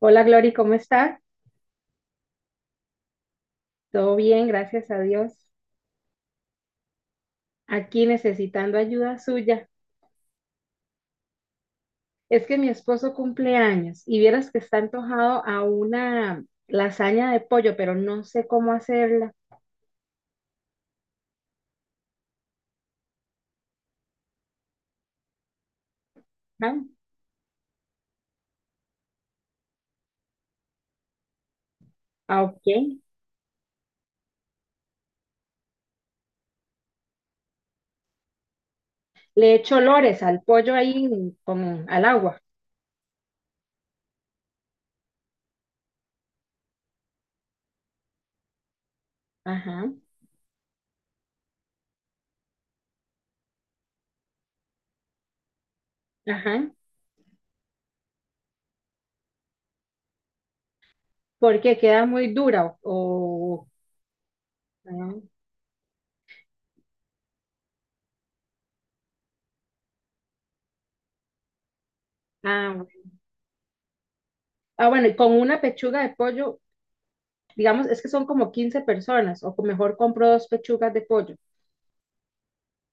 Hola Glory, ¿cómo está? Todo bien, gracias a Dios. Aquí necesitando ayuda suya. Es que mi esposo cumple años y vieras que está antojado a una lasaña de pollo, pero no sé cómo hacerla. Ah, ah, ok. Le echo olores al pollo ahí al agua. Ajá, ajá. Porque queda muy dura ah, ah, bueno. Ah, bueno, y con una pechuga de pollo, digamos, es que son como 15 personas, o mejor compro dos pechugas de pollo.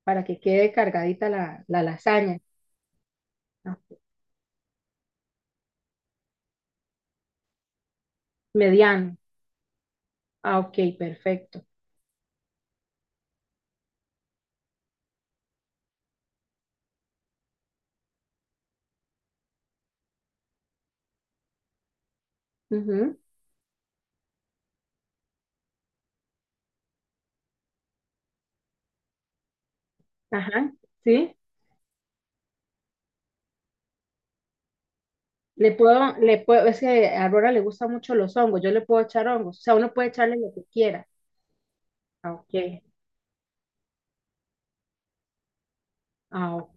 Para que quede cargadita la lasaña. Ah, mediano. Ah, ok, perfecto. Ujú. Ajá, sí. Le puedo, es que a Aurora le gustan mucho los hongos, yo le puedo echar hongos, o sea, uno puede echarle lo que quiera. Ah, ok, ah, ok.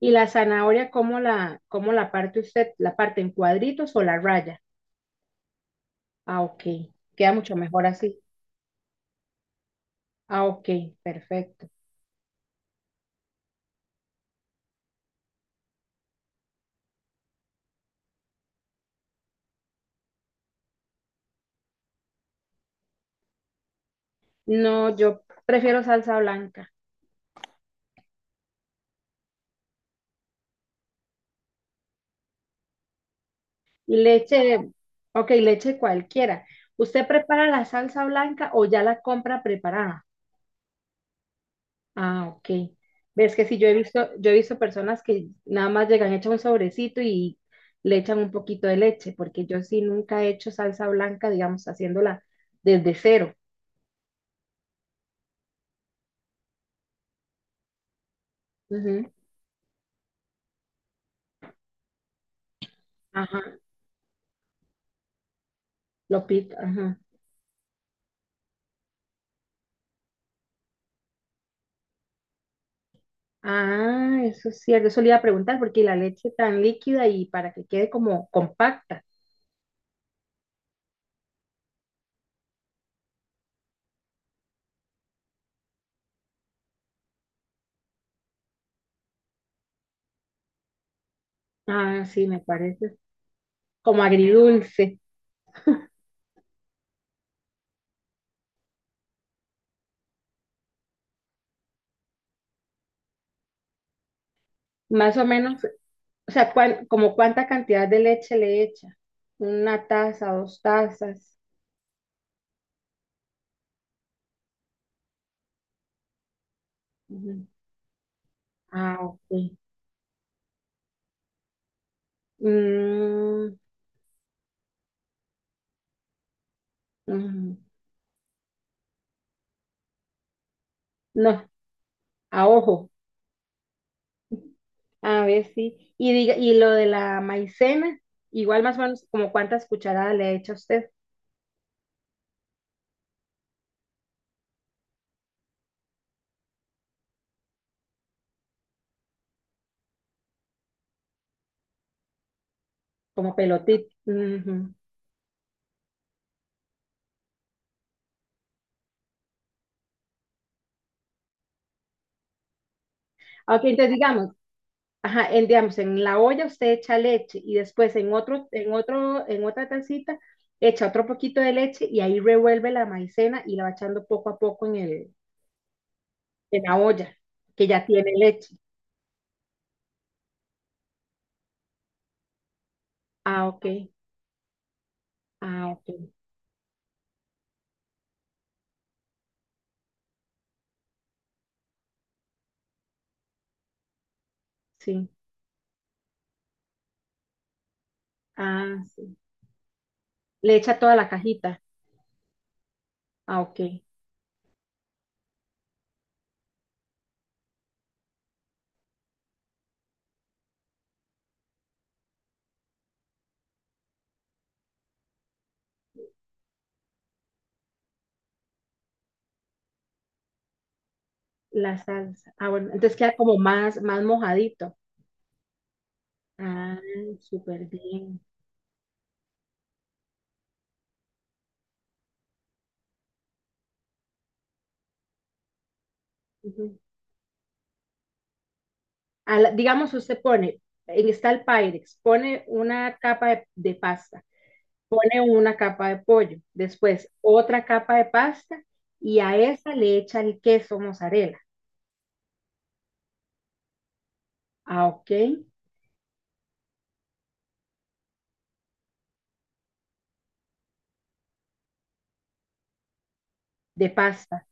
¿Y la zanahoria, cómo la parte usted? ¿La parte en cuadritos o la raya? Ah, ok, queda mucho mejor así. Ah, ok, perfecto. No, yo prefiero salsa blanca. Leche, ok, leche cualquiera. ¿Usted prepara la salsa blanca o ya la compra preparada? Ah, ok. Ves que sí, yo he visto personas que nada más llegan, echan un sobrecito y le echan un poquito de leche, porque yo sí nunca he hecho salsa blanca, digamos, haciéndola desde cero. Ujú. Ajá, lo pico, ajá. Ah, eso es cierto, eso le iba a preguntar, porque la leche tan líquida y para que quede como compacta. Ah, sí, me parece como agridulce. Más o menos, o sea, como cuánta cantidad de leche le echa. 1 taza, 2 tazas. Ujú. Ah, ok. Mm, ujú. No, a ojo. A ver, sí. Y diga, y lo de la maicena, igual más o menos como cuántas cucharadas le echa usted, como pelotita. Ujú. Ok, entonces digamos, ajá, en, digamos, en la olla usted echa leche y después en otro, en otra tacita echa otro poquito de leche y ahí revuelve la maicena y la va echando poco a poco en la olla, que ya tiene leche. Ah, ok. Ah, ok. Sí. Ah, sí. Le echa toda la cajita. Ah, ok. La salsa. Ah, bueno. Entonces queda como más, más mojadito. Ah, súper bien. Ujú. Digamos, usted pone, en está el Pyrex, pone una capa de pasta. Pone una capa de pollo, después otra capa de pasta y a esa le echa el queso mozzarella, ah, ok, de pasta.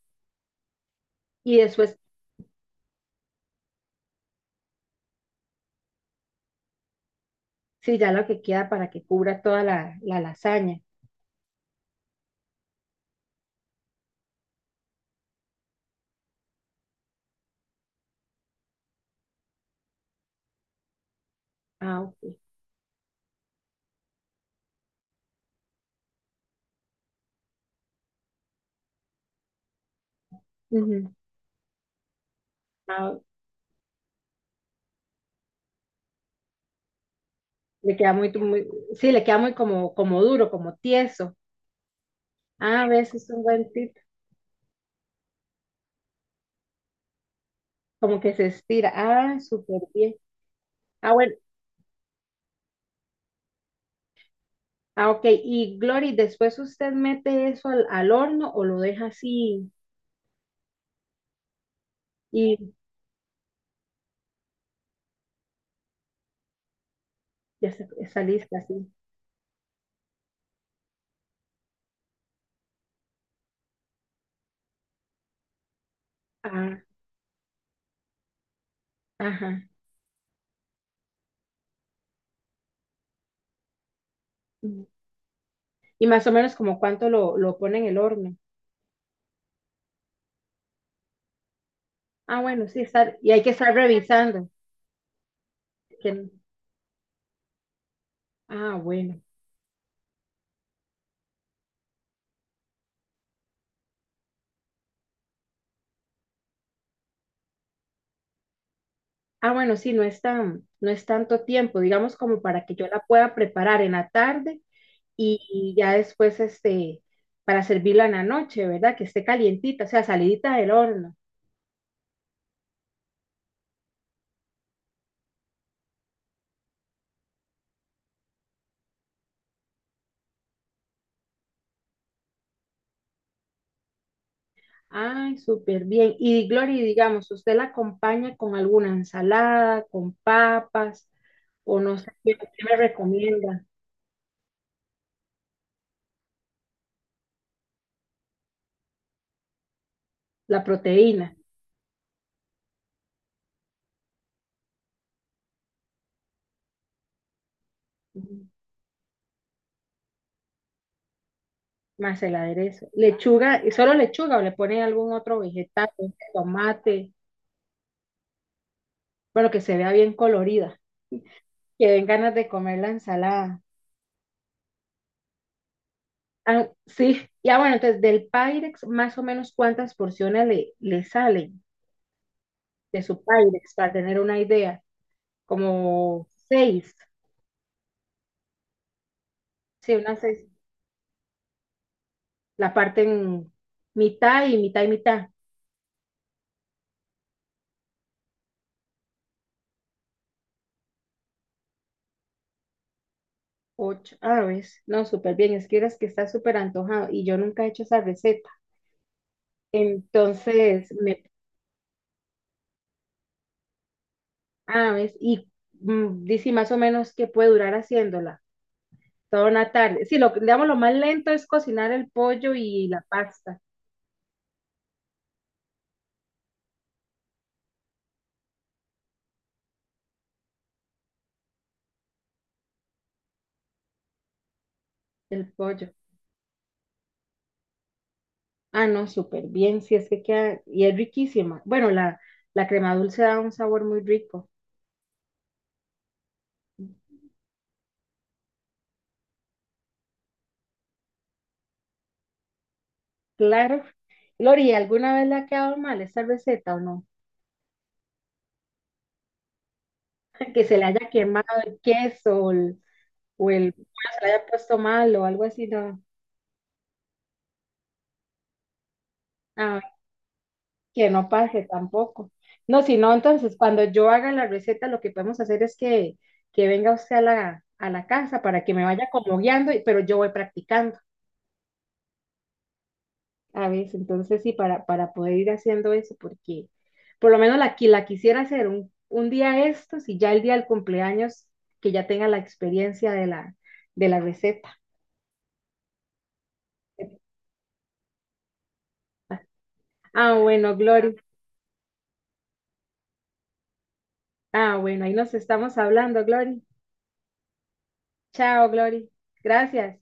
Y después, sí, ya lo que queda para que cubra toda la lasaña. Ah, ok. Ujú. Ah, le queda muy, muy, sí, le queda muy como duro, como tieso. Ah, a veces es un buen tip, como que se estira. Ah, súper bien. Ah, bueno. Ah, ok. Y Glory, después usted mete eso al horno o lo deja así. Ya está lista, sí. Ah, ajá. Mm. Y más o menos como cuánto lo pone en el horno. Ah, bueno, sí, está, y hay que estar revisando. que- ah, bueno. Ah, bueno, sí, no es tan, no es tanto tiempo, digamos como para que yo la pueda preparar en la tarde y ya después, para servirla en la noche, ¿verdad? Que esté calientita, o sea, salidita del horno. Ay, súper bien. Y Glory, digamos, ¿usted la acompaña con alguna ensalada, con papas, o no sé qué, qué me recomienda? La proteína, ujú, más el aderezo. Lechuga, ¿y solo lechuga o le pone algún otro vegetal, un tomate, bueno, que se vea bien colorida, que den ganas de comer la ensalada? Ah, sí, ya bueno, entonces del Pyrex, más o menos cuántas porciones le salen de su Pyrex para tener una idea, como seis. Sí, unas seis, la parte en mitad y mitad y mitad. Ocho, ah, ves, no, súper bien, es que eres que está súper antojado y yo nunca he hecho esa receta. Entonces, ah, ves, y dice más o menos que puede durar haciéndola toda una tarde. Sí, lo, digamos, lo más lento es cocinar el pollo y la pasta del pollo. Ah, no, súper bien, sí, es que queda, y es riquísima. Bueno, la crema dulce da un sabor muy rico, claro. Lori, ¿alguna vez le ha quedado mal esa receta o no? Que se le haya quemado el queso o el, pollo se le haya puesto mal o algo así, no. Ah, que no pase tampoco. No, si no, entonces cuando yo haga la receta, lo que podemos hacer es que venga usted a la casa para que me vaya como guiando, pero yo voy practicando a veces. Entonces, sí, para poder ir haciendo eso, porque por lo menos la, la quisiera hacer un día estos y ya el día del cumpleaños, que ya tenga la experiencia de la receta. Ah, bueno, Gloria. Ah, bueno, ahí nos estamos hablando, Glory. Chao, Glory. Gracias.